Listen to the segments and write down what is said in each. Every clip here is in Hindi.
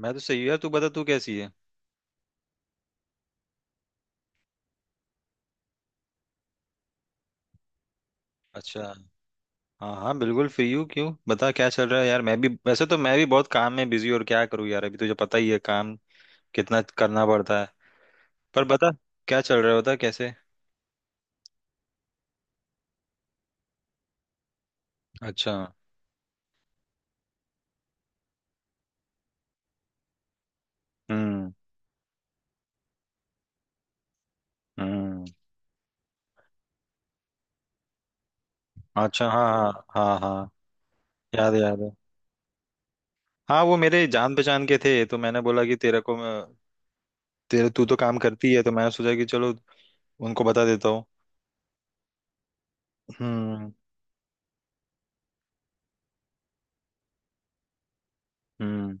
मैं तो सही हूँ यार। तू बता, तू कैसी है? अच्छा। हाँ हाँ, बिल्कुल फ्री हूँ। क्यों, बता क्या चल रहा है यार? मैं भी बहुत काम में बिजी, और क्या करूँ यार, अभी तुझे पता ही है काम कितना करना पड़ता है। पर बता, क्या चल रहा है? बता कैसे। अच्छा। हम्म। हम्म। अच्छा। हाँ हाँ। हाँ हाँ। याद है, याद है। हाँ वो मेरे जान पहचान के थे, तो मैंने बोला कि तेरे को मैं तेरे तू तो काम करती है, तो मैंने सोचा कि चलो उनको बता देता हूँ। हम्म। हम्म।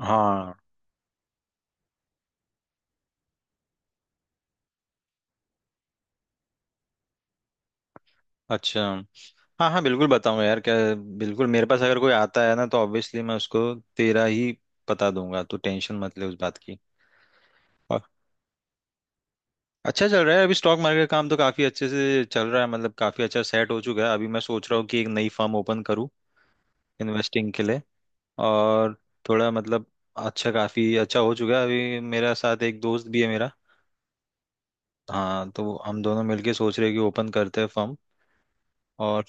हाँ। अच्छा, हाँ हाँ, बिल्कुल बताऊंगा यार। क्या बिल्कुल, मेरे पास अगर कोई आता है ना, तो ऑब्वियसली मैं उसको तेरा ही बता दूंगा। तू टेंशन मत ले उस बात की। और, अच्छा चल रहा है। अभी स्टॉक मार्केट का काम तो काफी अच्छे से चल रहा है, मतलब काफी अच्छा सेट हो चुका है। अभी मैं सोच रहा हूँ कि एक नई फर्म ओपन करूँ इन्वेस्टिंग के लिए। और थोड़ा मतलब, अच्छा काफी अच्छा हो चुका है। अभी मेरा साथ एक दोस्त भी है मेरा। हाँ, तो हम दोनों मिलके सोच रहे हैं कि ओपन करते हैं फर्म। और,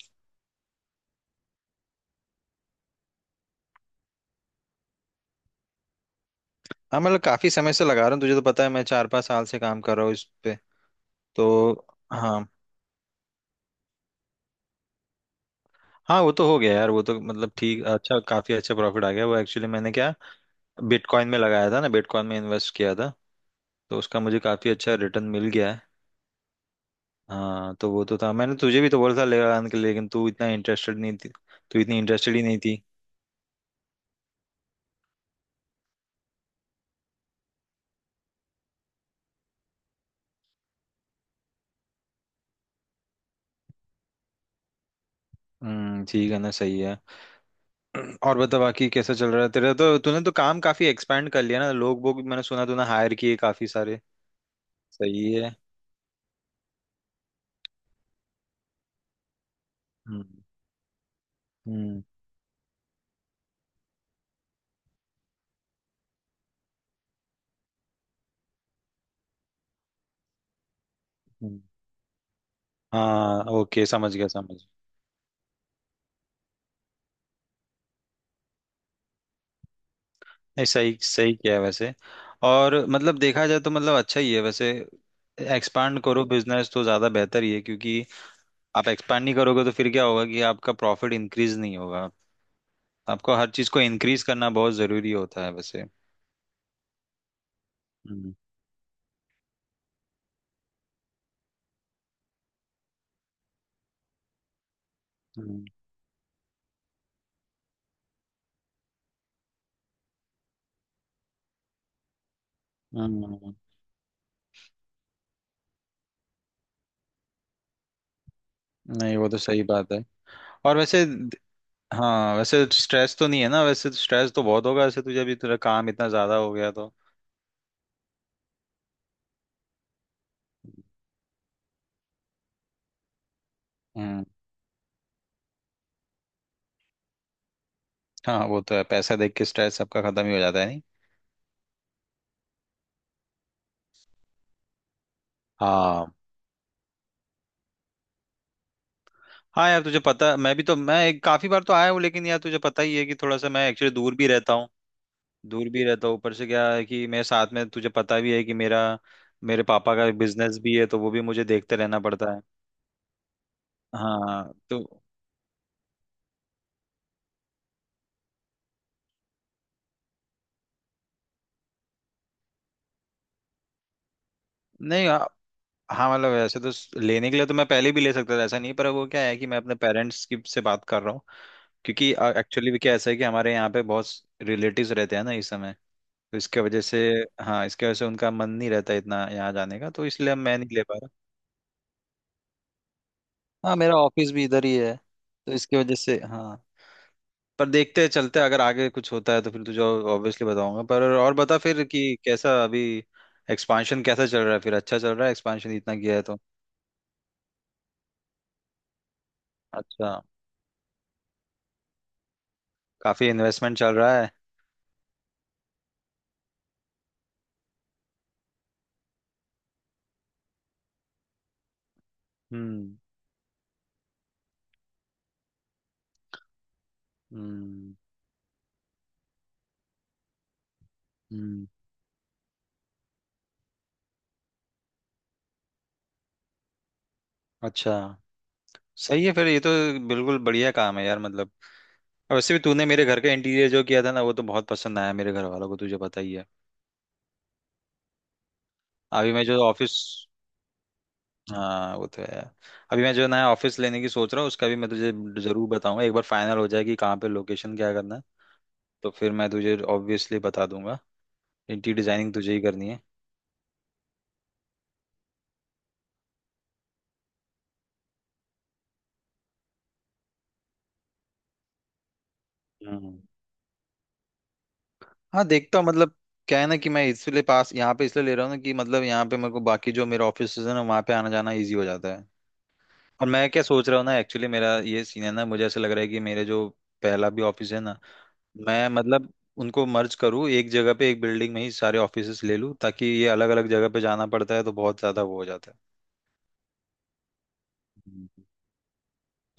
हाँ मतलब काफी समय से लगा रहा हूँ, तुझे तो पता है मैं 4-5 साल से काम कर रहा हूँ इस पे। तो, हाँ। हाँ वो तो हो गया यार, वो तो मतलब ठीक, अच्छा काफी अच्छा प्रॉफिट आ गया। वो एक्चुअली, मैंने क्या बिटकॉइन में लगाया था ना, बिटकॉइन में इन्वेस्ट किया था, तो उसका मुझे काफी अच्छा रिटर्न मिल गया है। हाँ तो वो तो था, मैंने तुझे भी तो बोला था लगाने के लिए, लेकिन तू इतना इंटरेस्टेड नहीं थी। तू इतनी इंटरेस्टेड ही नहीं थी। हम्म, ठीक है ना, सही है। और बता, बाकी कैसा चल रहा है तेरा? तो तूने तो काम काफी एक्सपेंड कर लिया ना। लोग वो भी मैंने सुना तूने हायर किए काफी सारे। सही है। हम्म। हम्म। हम्म। हाँ ओके, समझ गया, समझ। नहीं, सही सही किया है वैसे। और मतलब देखा जाए तो, मतलब अच्छा ही है वैसे। एक्सपांड करो बिजनेस, तो ज़्यादा बेहतर ही है, क्योंकि आप एक्सपांड नहीं करोगे तो फिर क्या होगा कि आपका प्रॉफिट इंक्रीज नहीं होगा। आपको हर चीज़ को इंक्रीज करना बहुत ज़रूरी होता है वैसे। हम्म। हम्म। हम्म, नहीं वो तो सही बात है। और वैसे, हाँ वैसे स्ट्रेस तो नहीं है ना? वैसे तो स्ट्रेस तो बहुत होगा वैसे, तुझे भी तेरा काम इतना ज़्यादा हो गया तो। हम्म। हाँ वो तो है, पैसा देख के स्ट्रेस सबका खत्म ही हो जाता है, नहीं? हाँ हाँ यार, तुझे पता मैं भी तो काफी बार तो आया हूँ, लेकिन यार तुझे पता ही है कि थोड़ा सा मैं एक्चुअली दूर भी रहता हूँ। दूर भी रहता हूँ, ऊपर से क्या है कि मेरे साथ में तुझे पता भी है कि मेरा मेरे पापा का बिजनेस भी है, तो वो भी मुझे देखते रहना पड़ता है। हाँ तो, नहीं आ- हाँ मतलब वैसे तो लेने के लिए तो मैं पहले भी ले सकता था, ऐसा नहीं। पर वो क्या है कि मैं अपने पेरेंट्स की से बात कर रहा हूँ। क्योंकि एक्चुअली भी क्या ऐसा है कि हमारे यहाँ पे बहुत रिलेटिव्स रहते हैं ना इस समय, तो इसके वजह से। हाँ, इसके वजह से उनका मन नहीं रहता इतना यहाँ जाने का, तो इसलिए मैं नहीं ले पा। हाँ, मेरा ऑफिस भी इधर ही है, तो इसकी वजह से। हाँ, पर देखते हैं, चलते हैं, अगर आगे कुछ होता है तो फिर तुझे ऑब्वियसली बताऊंगा। पर और बता फिर कि कैसा अभी, एक्सपांशन कैसा चल रहा है फिर? अच्छा चल रहा है, एक्सपांशन इतना किया है तो। अच्छा। काफी इन्वेस्टमेंट चल रहा है। हम्म। हम्म। हम्म। अच्छा, सही है फिर, ये तो बिल्कुल बढ़िया काम है यार मतलब। और वैसे भी तूने मेरे घर का इंटीरियर जो किया था ना, वो तो बहुत पसंद आया मेरे घर वालों को, तुझे पता ही है। अभी मैं जो ऑफिस हाँ, वो तो है। अभी मैं जो नया ऑफिस लेने की सोच रहा हूँ, उसका भी मैं तुझे जरूर बताऊंगा, एक बार फाइनल हो जाए कि कहाँ पे लोकेशन, क्या करना है, तो फिर मैं तुझे ऑब्वियसली बता दूंगा। इंटीरियर डिजाइनिंग तुझे ही करनी है। हम्म। हाँ देखता हूँ, मतलब क्या है ना कि मैं इसलिए पास यहाँ पे इसलिए ले रहा हूँ ना, कि मतलब यहाँ पे मेरे को बाकी जो मेरे ऑफिस है ना, वहाँ पे आना जाना इजी हो जाता है। और मैं क्या सोच रहा हूँ ना, एक्चुअली मेरा ये सीन है ना, मुझे ऐसा लग रहा है कि मेरे जो पहला भी ऑफिस है ना, मैं मतलब उनको मर्ज करूँ, एक जगह पे एक बिल्डिंग में ही सारे ऑफिसेस ले लूँ, ताकि ये अलग अलग जगह पे जाना पड़ता है तो बहुत ज्यादा वो हो जाता है। हम्म।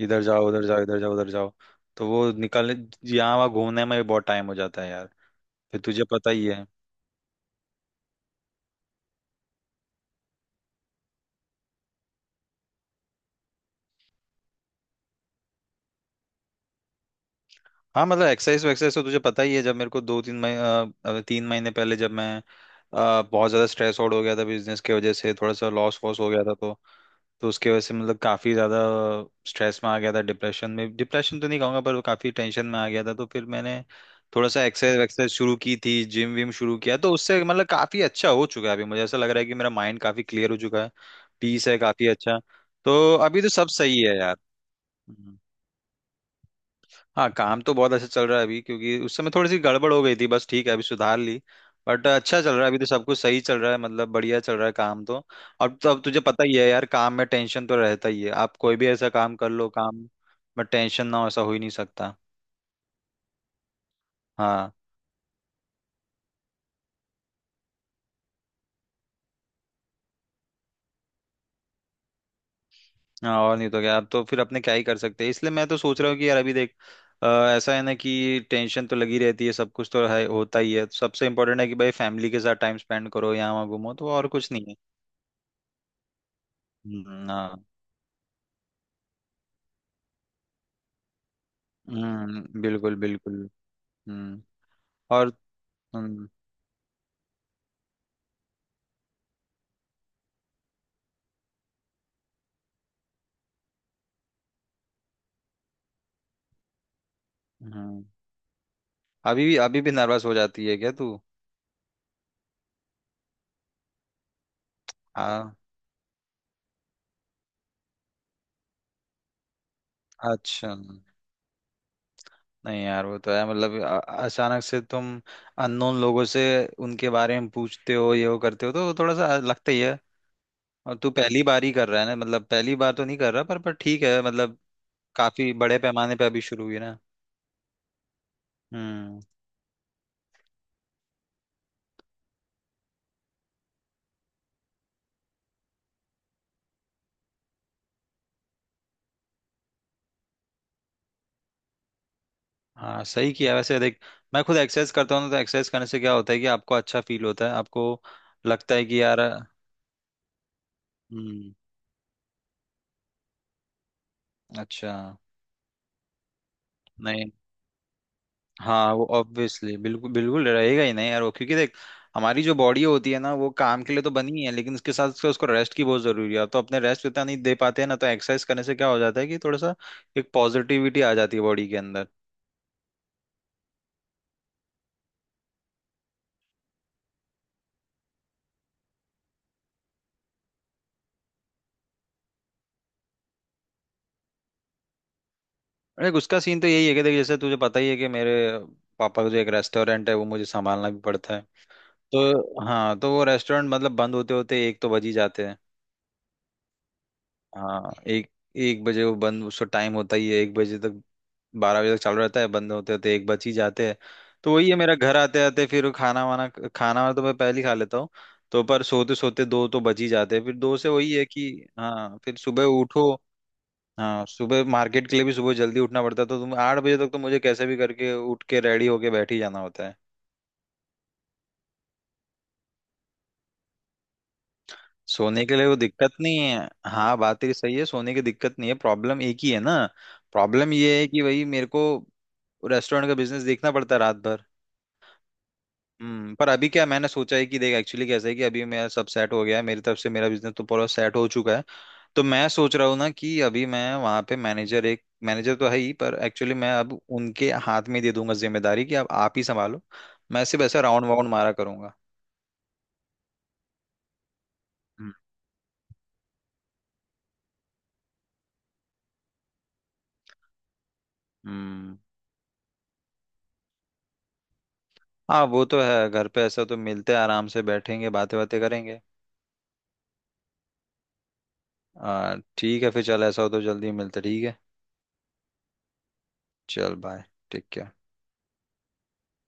इधर जाओ उधर जाओ, इधर जाओ उधर जाओ, तो वो निकलने, यहाँ वहाँ घूमने में भी बहुत टाइम हो जाता है यार। फिर तुझे पता ही है। हाँ मतलब एक्सरसाइज वैक्सरसाइज तो तुझे पता ही है, जब मेरे को 2-3 महीने, 3 महीने पहले जब मैं बहुत ज्यादा स्ट्रेस आउट हो गया था बिजनेस की वजह से, थोड़ा सा लॉस वॉस हो गया था तो। तो उसके वजह से मतलब काफ़ी ज़्यादा स्ट्रेस में आ गया था, डिप्रेशन में, डिप्रेशन तो नहीं कहूँगा पर वो काफ़ी टेंशन में आ गया था, तो फिर मैंने थोड़ा सा एक्सरसाइज एक्सरसाइज शुरू की थी, जिम विम शुरू किया, तो उससे मतलब काफ़ी अच्छा हो चुका है। अभी मुझे ऐसा लग रहा है कि मेरा माइंड काफ़ी क्लियर हो चुका है। पीस है काफ़ी अच्छा। तो अभी तो सब सही है यार। हाँ, काम तो बहुत अच्छा चल रहा है अभी, क्योंकि उस समय थोड़ी सी गड़बड़ हो गई थी, बस ठीक है अभी सुधार ली। बट अच्छा चल रहा है, अभी तो सब कुछ सही चल रहा है मतलब, बढ़िया चल रहा है काम तो। अब तुझे पता ही है यार, काम में टेंशन तो रहता ही है, आप कोई भी ऐसा काम कर लो, काम में टेंशन ना हो ऐसा हो ही नहीं सकता। हाँ। हाँ, और नहीं तो क्या, आप तो फिर अपने क्या ही कर सकते हैं। इसलिए मैं तो सोच रहा हूँ कि यार अभी देख, अ, ऐसा है ना कि टेंशन तो लगी रहती है, सब कुछ तो है, होता ही है। सबसे इम्पोर्टेंट है कि भाई फैमिली के साथ टाइम स्पेंड करो, यहाँ वहाँ घूमो, तो और कुछ नहीं है। हाँ। हम्म, बिल्कुल बिल्कुल। हम्म। और, हम्म। हम्म, अभी भी नर्वस हो जाती है क्या तू? हाँ। अच्छा। नहीं यार, वो तो है, मतलब अचानक से तुम अननोन लोगों से उनके बारे में पूछते हो, ये वो करते हो, तो वो थोड़ा सा लगता ही है। और तू पहली बार ही कर रहा है ना, मतलब पहली बार तो नहीं कर रहा, पर ठीक है मतलब, काफी बड़े पैमाने पे अभी शुरू हुई ना। हम्म। हाँ सही किया वैसे, देख मैं खुद एक्सरसाइज करता हूँ ना, तो एक्सरसाइज करने से क्या होता है कि आपको अच्छा फील होता है, आपको लगता है कि यार। हम्म। अच्छा। नहीं, हाँ वो ऑब्वियसली बिल्कुल बिल्कुल रहेगा ही नहीं यार वो, क्योंकि देख हमारी जो बॉडी होती है ना, वो काम के लिए तो बनी है, लेकिन उसके साथ उसके उसको रेस्ट की बहुत जरूरी है, तो अपने रेस्ट इतना नहीं दे पाते हैं ना, तो एक्सरसाइज करने से क्या हो जाता है कि थोड़ा सा एक पॉजिटिविटी आ जाती है बॉडी के अंदर। देख उसका सीन तो यही है कि देख जैसे तुझे पता ही है कि मेरे पापा का जो एक रेस्टोरेंट है, वो मुझे संभालना भी पड़ता है। तो हाँ, तो वो रेस्टोरेंट मतलब बंद होते होते 1 तो बज ही जाते हैं। हाँ, एक एक बजे वो बंद, उसका टाइम होता ही है 1 बजे तक। 12 बजे तक चालू रहता है, बंद होते होते 1 बज ही जाते हैं। तो वही है, मेरा घर आते आते फिर खाना वाना, खाना वाना तो मैं पहले ही खा लेता हूँ। तो पर सोते सोते 2 तो बज ही जाते हैं, फिर 2 से वही है कि। हाँ फिर सुबह उठो। हाँ, सुबह मार्केट के लिए भी सुबह जल्दी उठना पड़ता है, तो तुम 8 बजे तक तो मुझे कैसे भी करके उठ के रेडी होके बैठ ही जाना होता है। सोने के लिए वो दिक्कत नहीं है, हाँ बात तेरी सही है। सोने की दिक्कत नहीं है, प्रॉब्लम एक ही है ना। प्रॉब्लम ये है कि भाई मेरे को रेस्टोरेंट का बिजनेस देखना पड़ता है रात भर। हम्म। पर अभी क्या मैंने सोचा है कि देख एक्चुअली कैसा है कि अभी मेरा सब सेट हो गया है, मेरी तरफ से मेरा बिजनेस तो पूरा सेट हो चुका है। तो मैं सोच रहा हूँ ना कि अभी मैं वहाँ पे मैनेजर एक मैनेजर तो है ही, पर एक्चुअली मैं अब उनके हाथ में दे दूंगा जिम्मेदारी कि अब आप ही संभालो। मैं सिर्फ ऐसा राउंड वाउंड मारा करूंगा। हम्म। हम्म। हाँ वो तो है, घर पे ऐसा तो मिलते हैं, आराम से बैठेंगे, बातें बातें करेंगे। ठीक है फिर चल, ऐसा हो तो जल्दी मिलते, ठीक है। चल बाय। ठीक है।